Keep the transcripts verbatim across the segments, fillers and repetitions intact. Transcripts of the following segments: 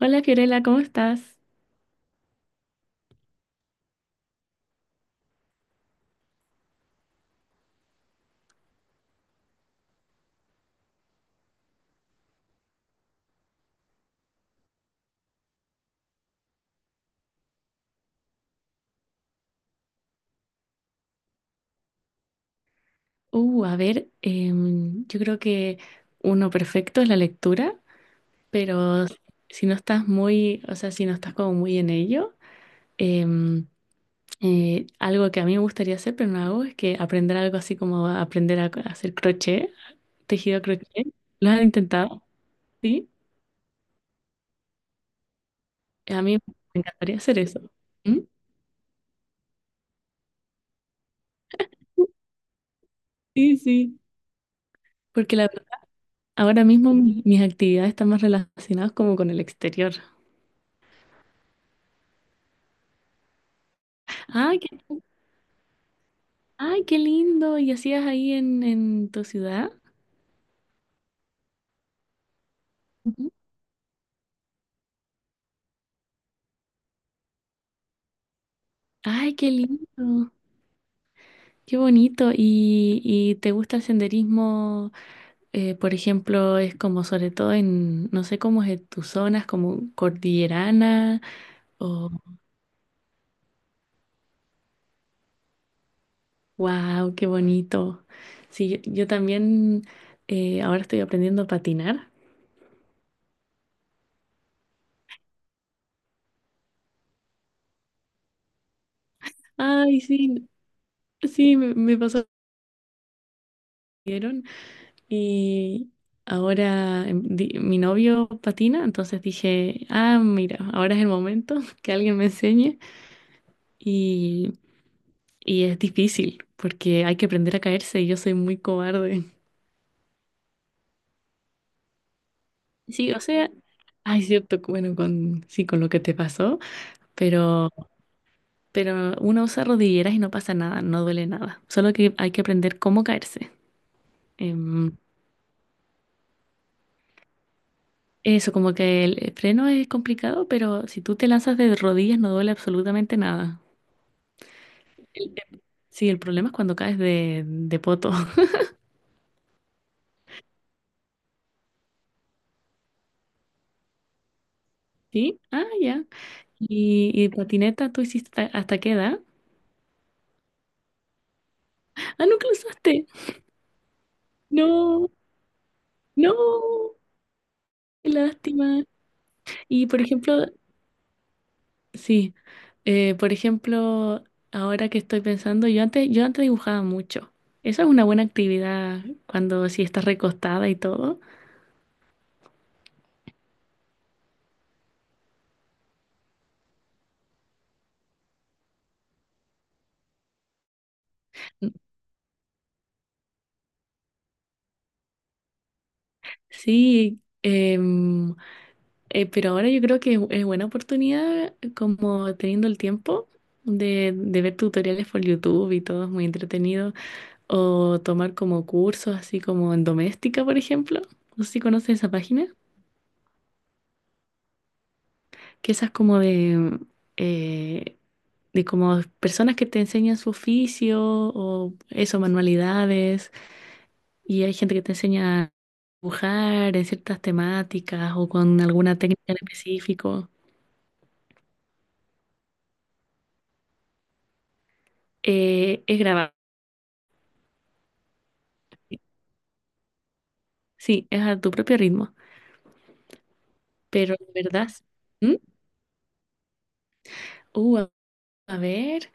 Hola Fiorella, ¿cómo estás? Uh, a ver, em, yo creo que uno perfecto es la lectura, pero si no estás muy, o sea, si no estás como muy en ello, em, eh, algo que a mí me gustaría hacer, pero no hago, es que aprender algo así como aprender a, a hacer crochet, tejido crochet. ¿Lo has intentado? Sí, a mí me encantaría hacer eso. ¿Mm? Sí, sí. Porque la, ahora mismo mi- mis actividades están más relacionadas como con el exterior. Ah, ay, qué lindo. ¿Y hacías ahí en, en tu ciudad? Ujú. Ay, qué lindo. Qué bonito. ¿Y, y te gusta el senderismo? Eh, por ejemplo, es como sobre todo en, no sé cómo es en tus zonas, como cordillerana. O, wow, qué bonito. Sí, yo, yo también eh, ahora estoy aprendiendo a patinar. Ay, sí, sí, me, me pasó. Y ahora em, di- mi novio patina, entonces dije, ah, mira, ahora es el momento que alguien me enseñe. Y, y es difícil porque hay que aprender a caerse y yo soy muy cobarde. Sí, o sea, hay cierto, que, bueno, con, sí, con lo que te pasó, pero, pero uno usa rodilleras y no pasa nada, no duele nada. Solo que hay que aprender cómo caerse. Em, Eso, como que el freno es complicado, pero si tú te lanzas de rodillas no duele absolutamente nada. Sí, el problema es cuando caes de, de poto. ¿Sí? Ah, ya. ¿Y, y patineta tú hiciste ta- hasta qué edad? Ah, nunca lo usaste. No, no, qué lástima. Y por ejemplo, sí, eh, por ejemplo, ahora que estoy pensando, yo antes, yo antes dibujaba mucho. Esa es una buena actividad cuando si estás recostada y todo. Sí, eh, Eh, pero ahora yo creo que es es buena oportunidad, como teniendo el tiempo, de, de ver tutoriales por YouTube y todo es muy entretenido. O tomar como cursos, así como en doméstica, por ejemplo. No sé si conoces esa página, que esa es como de, eh, de como personas que te enseñan su oficio o eso, manualidades. Y hay gente que te enseña a dibujar en ciertas temáticas o con alguna técnica en específico. Eh, es grabado. Sí, es a tu propio ritmo. Pero de verdad, ¿Mm? uh, a a ver,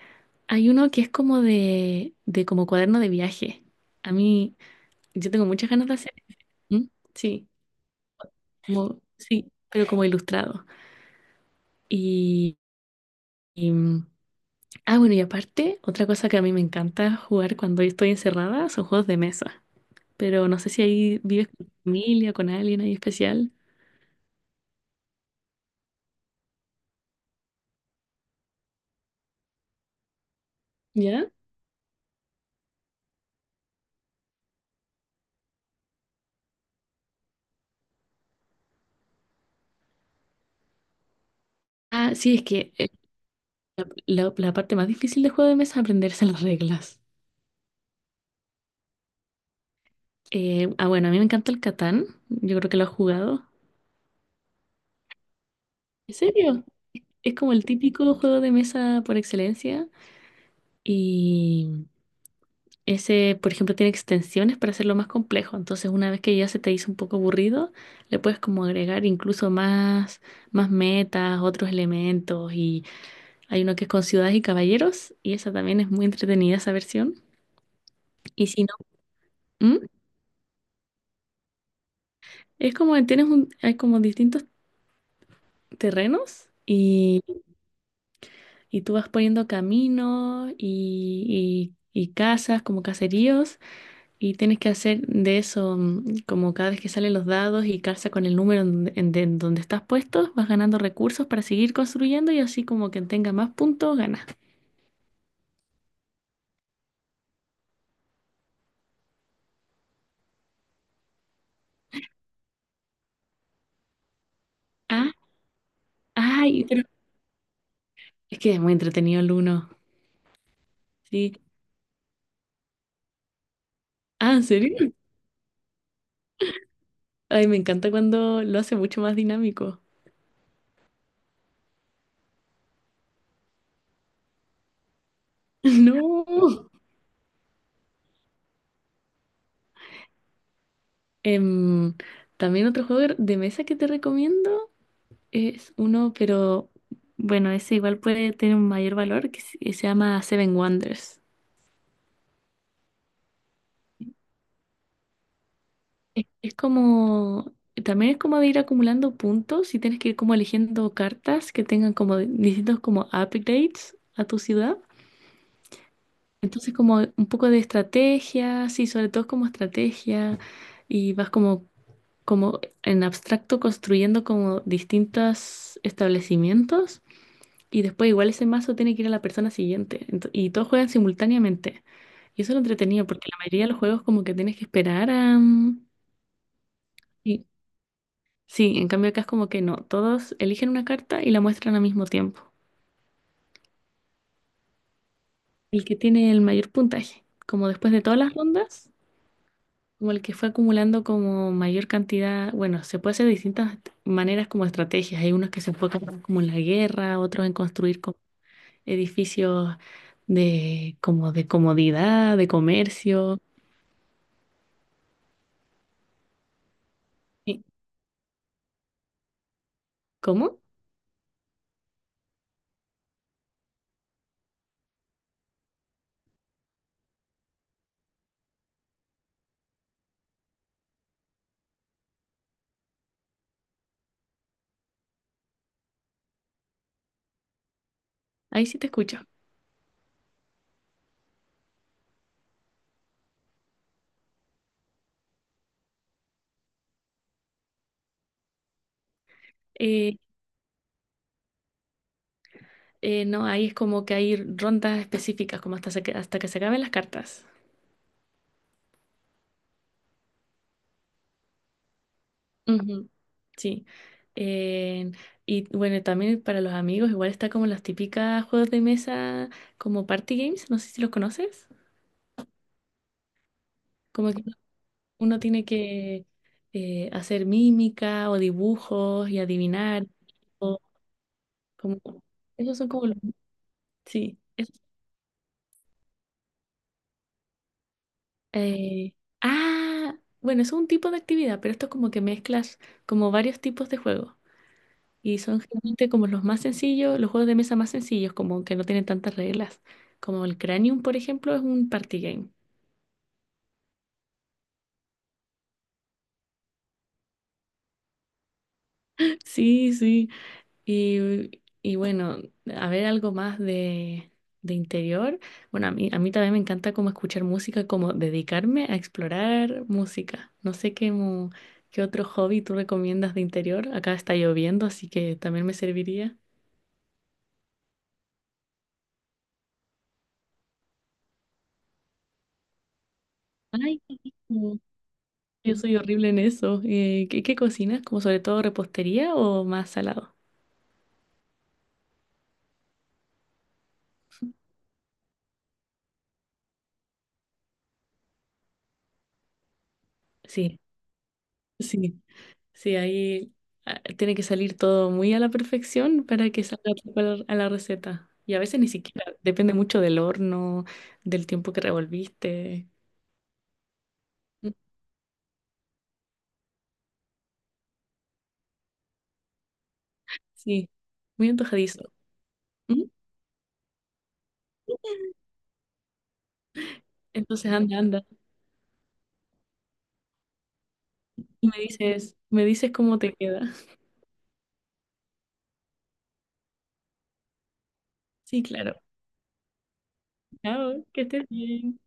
hay uno que es como de, de como cuaderno de viaje. A mí, yo tengo muchas ganas de hacer. ¿Mm? Sí, como, sí, pero como ilustrado. Y, y, mm, ah, bueno, y aparte, otra cosa que a mí me encanta jugar cuando yo estoy encerrada son juegos de mesa. Pero no sé si ahí vives con tu familia, con alguien ahí especial. ¿Ya? Ah, sí, es que eh, la, la parte más difícil de juego de mesa es aprenderse las reglas. Eh, ah, bueno, a mí me encanta el Catán. Yo creo que lo has jugado. ¿En serio? Es como el típico juego de mesa por excelencia. Y ese, por ejemplo, tiene extensiones para hacerlo más complejo. Entonces, una vez que ya se te hizo un poco aburrido, le puedes como agregar incluso más, más metas, otros elementos. Y hay uno que es con ciudades y caballeros. Y esa también es muy entretenida, esa versión. Y si no, ¿Mm? Es como que tienes un, hay como distintos terrenos. Y y tú vas poniendo caminos y, y- y casas como caseríos y tienes que hacer de eso mm, como cada vez que salen los dados y calza con el número en, donde en- de- en donde estás puesto, vas ganando recursos para seguir construyendo y así como quien tenga más puntos gana. Ah, ay, pero es que es muy entretenido el uno. Sí. Ah, ¿en serio? Ay, me encanta cuando lo hace mucho más dinámico. No. Em, También otro juego de mesa que te recomiendo. Es uno, pero bueno, ese igual puede tener un mayor valor que se que se llama Seven Wonders. Es, es como, también es como de ir acumulando puntos y tienes que ir como eligiendo cartas que tengan como distintos como upgrades a tu ciudad. Entonces como un poco de estrategia, sí, sobre todo como estrategia y vas como, como en abstracto construyendo como distintos establecimientos. Y después igual ese mazo tiene que ir a la persona siguiente. Ento- y todos juegan simultáneamente. Y eso es lo entretenido, porque la mayoría de los juegos como que tienes que esperar a... mm, sí, sí, en cambio acá es como que no. Todos eligen una carta y la muestran al mismo tiempo. El que tiene el mayor puntaje, como después de todas las rondas, como el que fue acumulando como mayor cantidad, bueno, se puede hacer de distintas maneras como estrategias. Hay unos que se enfocan más como en la guerra, otros en construir como edificios de como de comodidad, de comercio. Eh, ¿Cómo? Ahí sí te escucho. Eh, eh, no, ahí es como que hay rondas específicas, como hasta, se que- hasta que se acaben las cartas. Ujú, sí. Eh, y bueno, también para los amigos, igual está como las típicas juegos de mesa, como party games, no sé si los conoces. Como que uno tiene que eh, hacer mímica o dibujos y adivinar. O como, esos son como los... Sí. Eh, ah, bueno, es un tipo de actividad, pero esto es como que mezclas como varios tipos de juegos. Y son generalmente como los más sencillos, los juegos de mesa más sencillos, como que no tienen tantas reglas. Como el Cranium, por ejemplo, es un party game. Sí, sí. Y, y bueno, a ver algo más de, de interior. Bueno, a mí, a mí también me encanta como escuchar música, como dedicarme a explorar música. No sé qué, mo- qué otro hobby tú recomiendas de interior. Acá está lloviendo, así que también me serviría. Ay, qué rico. Yo soy horrible en eso. Eh, ¿qué, qué cocinas? ¿Como sobre todo repostería o más salado? Sí, sí. Sí, ahí ah, tiene que salir todo muy a la perfección para que salga tal cual a la receta. Y a veces ni siquiera, depende mucho del horno, del tiempo que revolviste. Mm, sí, muy antojadizo. Mm, entonces anda, anda, y me dices, me dices cómo te queda. Sí, claro. Chao, que estés bien.